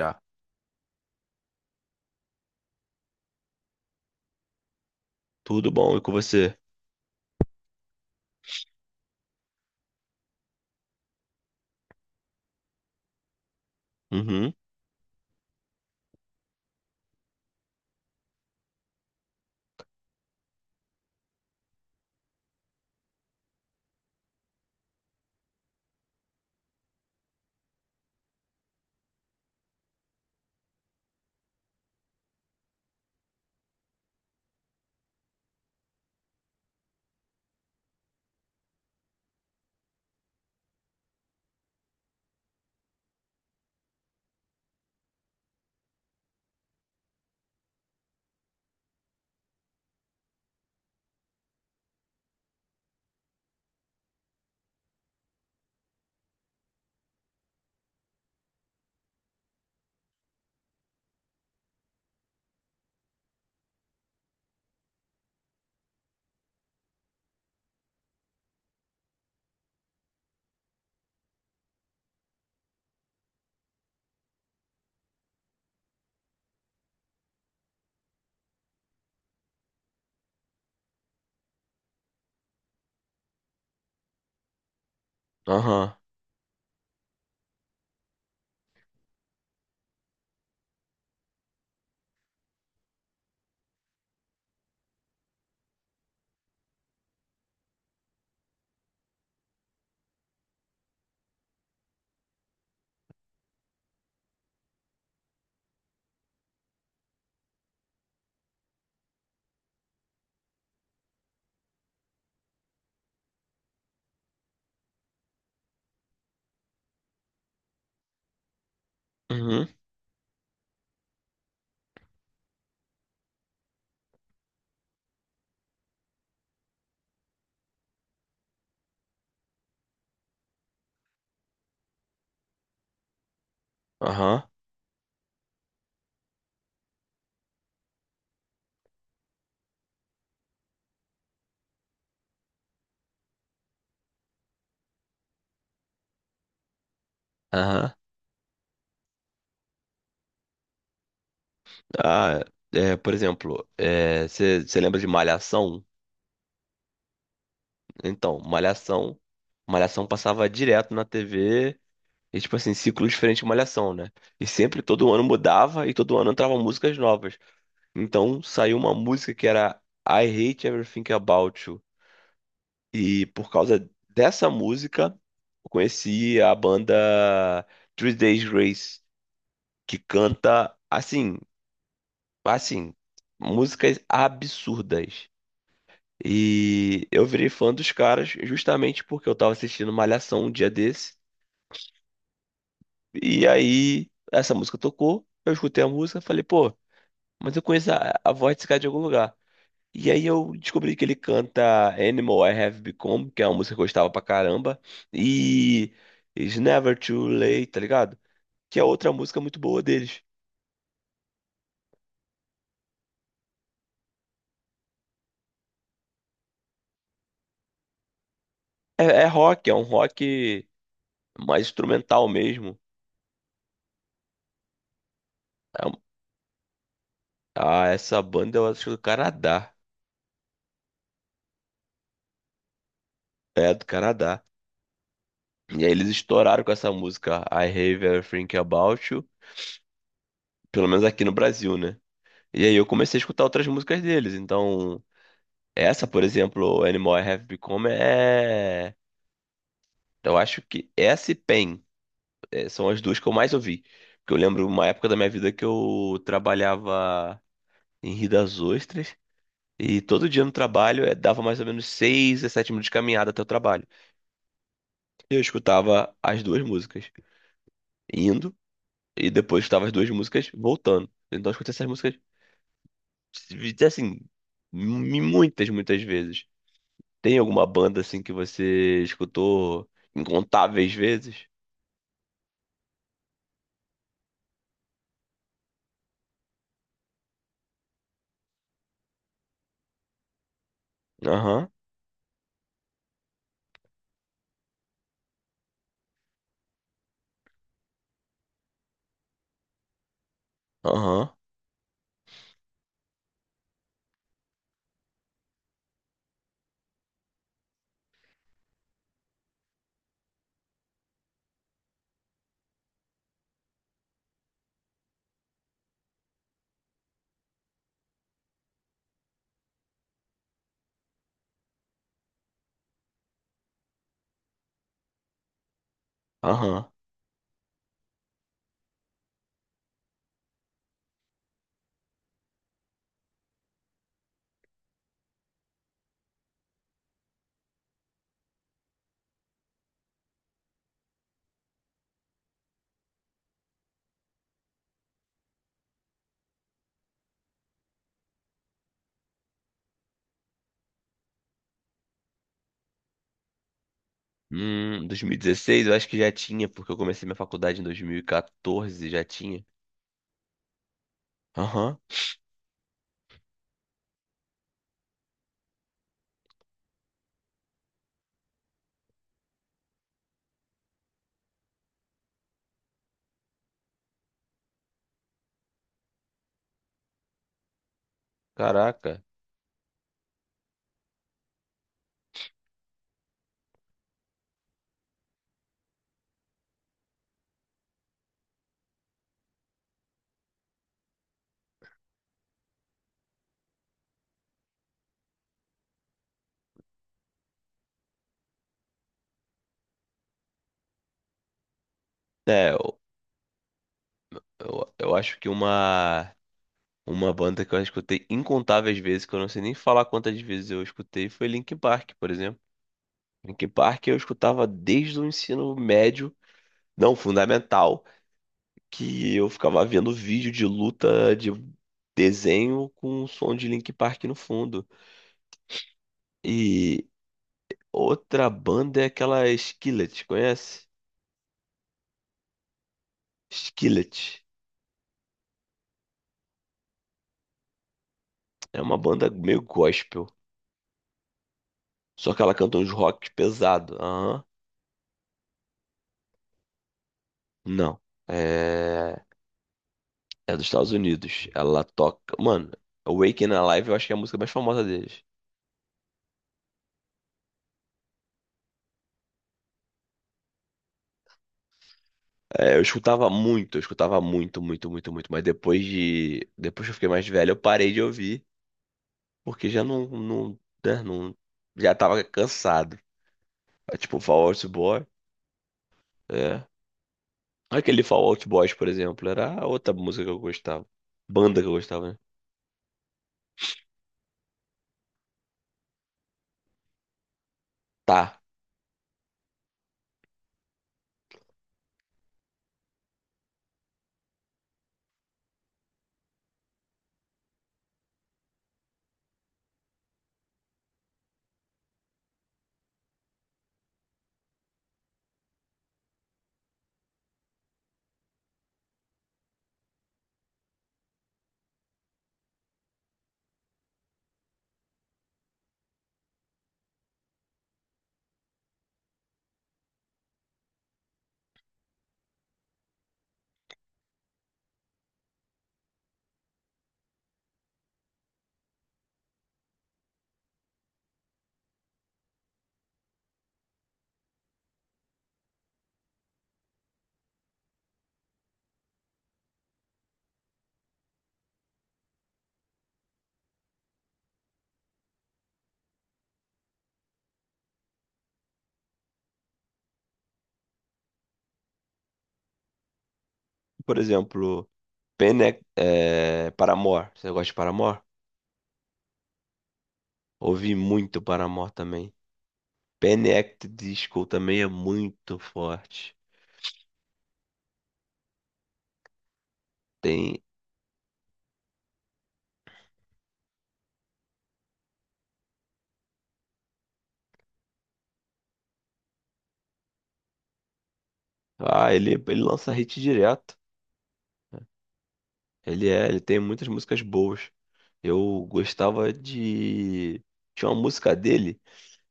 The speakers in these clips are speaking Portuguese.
Já. Tudo bom e com você? Uhum. Aham. Uhum. Aham. Aham. Ah, é, por exemplo, você lembra de Malhação? Então, Malhação. Malhação passava direto na TV. E, tipo assim, ciclo diferente de Malhação, né? E sempre todo ano mudava e todo ano entravam músicas novas. Então saiu uma música que era I Hate Everything About You. E por causa dessa música, eu conheci a banda Three Days Grace, que canta assim, assim, músicas absurdas. E eu virei fã dos caras justamente porque eu tava assistindo Malhação um dia desse. E aí essa música tocou, eu escutei a música, falei, pô, mas eu conheço a voz desse cara de algum lugar. E aí eu descobri que ele canta Animal I Have Become, que é uma música que eu gostava pra caramba, e It's Never Too Late, tá ligado? Que é outra música muito boa deles. É, é rock, é um rock mais instrumental mesmo. É um- Ah, essa banda eu acho do Canadá. É, do Canadá. E aí eles estouraram com essa música I Have Everything About You, pelo menos aqui no Brasil, né? E aí eu comecei a escutar outras músicas deles. Então, essa, por exemplo, Animal I Have Become é. Eu acho que essa e Pain é, são as duas que eu mais ouvi. Porque eu lembro uma época da minha vida que eu trabalhava em Rio das Ostras. E todo dia no trabalho dava mais ou menos 6 a 7 minutos de caminhada até o trabalho. E eu escutava as duas músicas indo e depois estava as duas músicas voltando. Então eu escutei essas músicas assim muitas, muitas vezes. Tem alguma banda assim que você escutou incontáveis vezes? Aham, aham, aham. 2016 eu acho que já tinha, porque eu comecei minha faculdade em 2014, já tinha. Aham, caraca. É, eu acho que uma banda que eu escutei incontáveis vezes, que eu não sei nem falar quantas vezes eu escutei, foi Linkin Park, por exemplo. Linkin Park eu escutava desde o ensino médio, não, fundamental, que eu ficava vendo vídeo de luta de desenho com o som de Linkin Park no fundo. E outra banda é aquela Skillet, conhece? Skillet. É uma banda meio gospel, só que ela canta uns rock pesado. Aham. Não. É... é dos Estados Unidos. Ela toca, mano, Awaken Alive eu acho que é a música mais famosa deles. É, eu escutava muito, muito, muito, muito. Mas depois de. Depois que eu fiquei mais velho, eu parei de ouvir. Porque já não. Não, né, já tava cansado. É, tipo, Fall Out Boy. É. Aquele Fall Out Boys, por exemplo, era a outra música que eu gostava. Banda que eu gostava, né? Tá. Por exemplo, é, Paramore. Você gosta de Paramore? Ouvi muito Paramore também. Panic! Disco também é muito forte. Tem. Ah, ele lança hit direto. Ele é, ele tem muitas músicas boas. Eu gostava de. Tinha uma música dele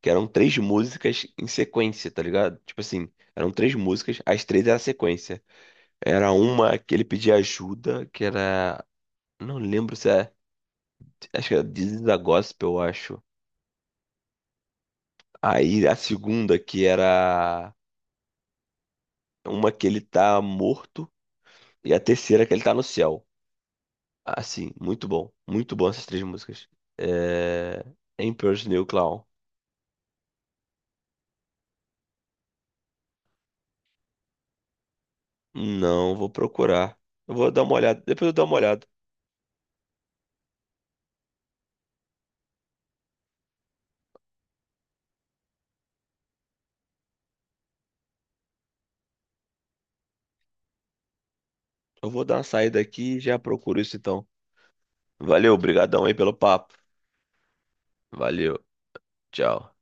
que eram três músicas em sequência, tá ligado? Tipo assim, eram três músicas, as três eram sequência. Era uma que ele pedia ajuda, que era. Não lembro se é. Acho que era This is a Gospel, eu acho. Aí a segunda, que era uma que ele tá morto, e a terceira que ele tá no céu. Assim, muito bom. Muito bom essas três músicas. É... Emperor's New Clown. Não, vou procurar. Eu vou dar uma olhada. Depois eu dou uma olhada. Eu vou dar uma saída aqui e já procuro isso então. Valeu, brigadão aí pelo papo. Valeu, tchau.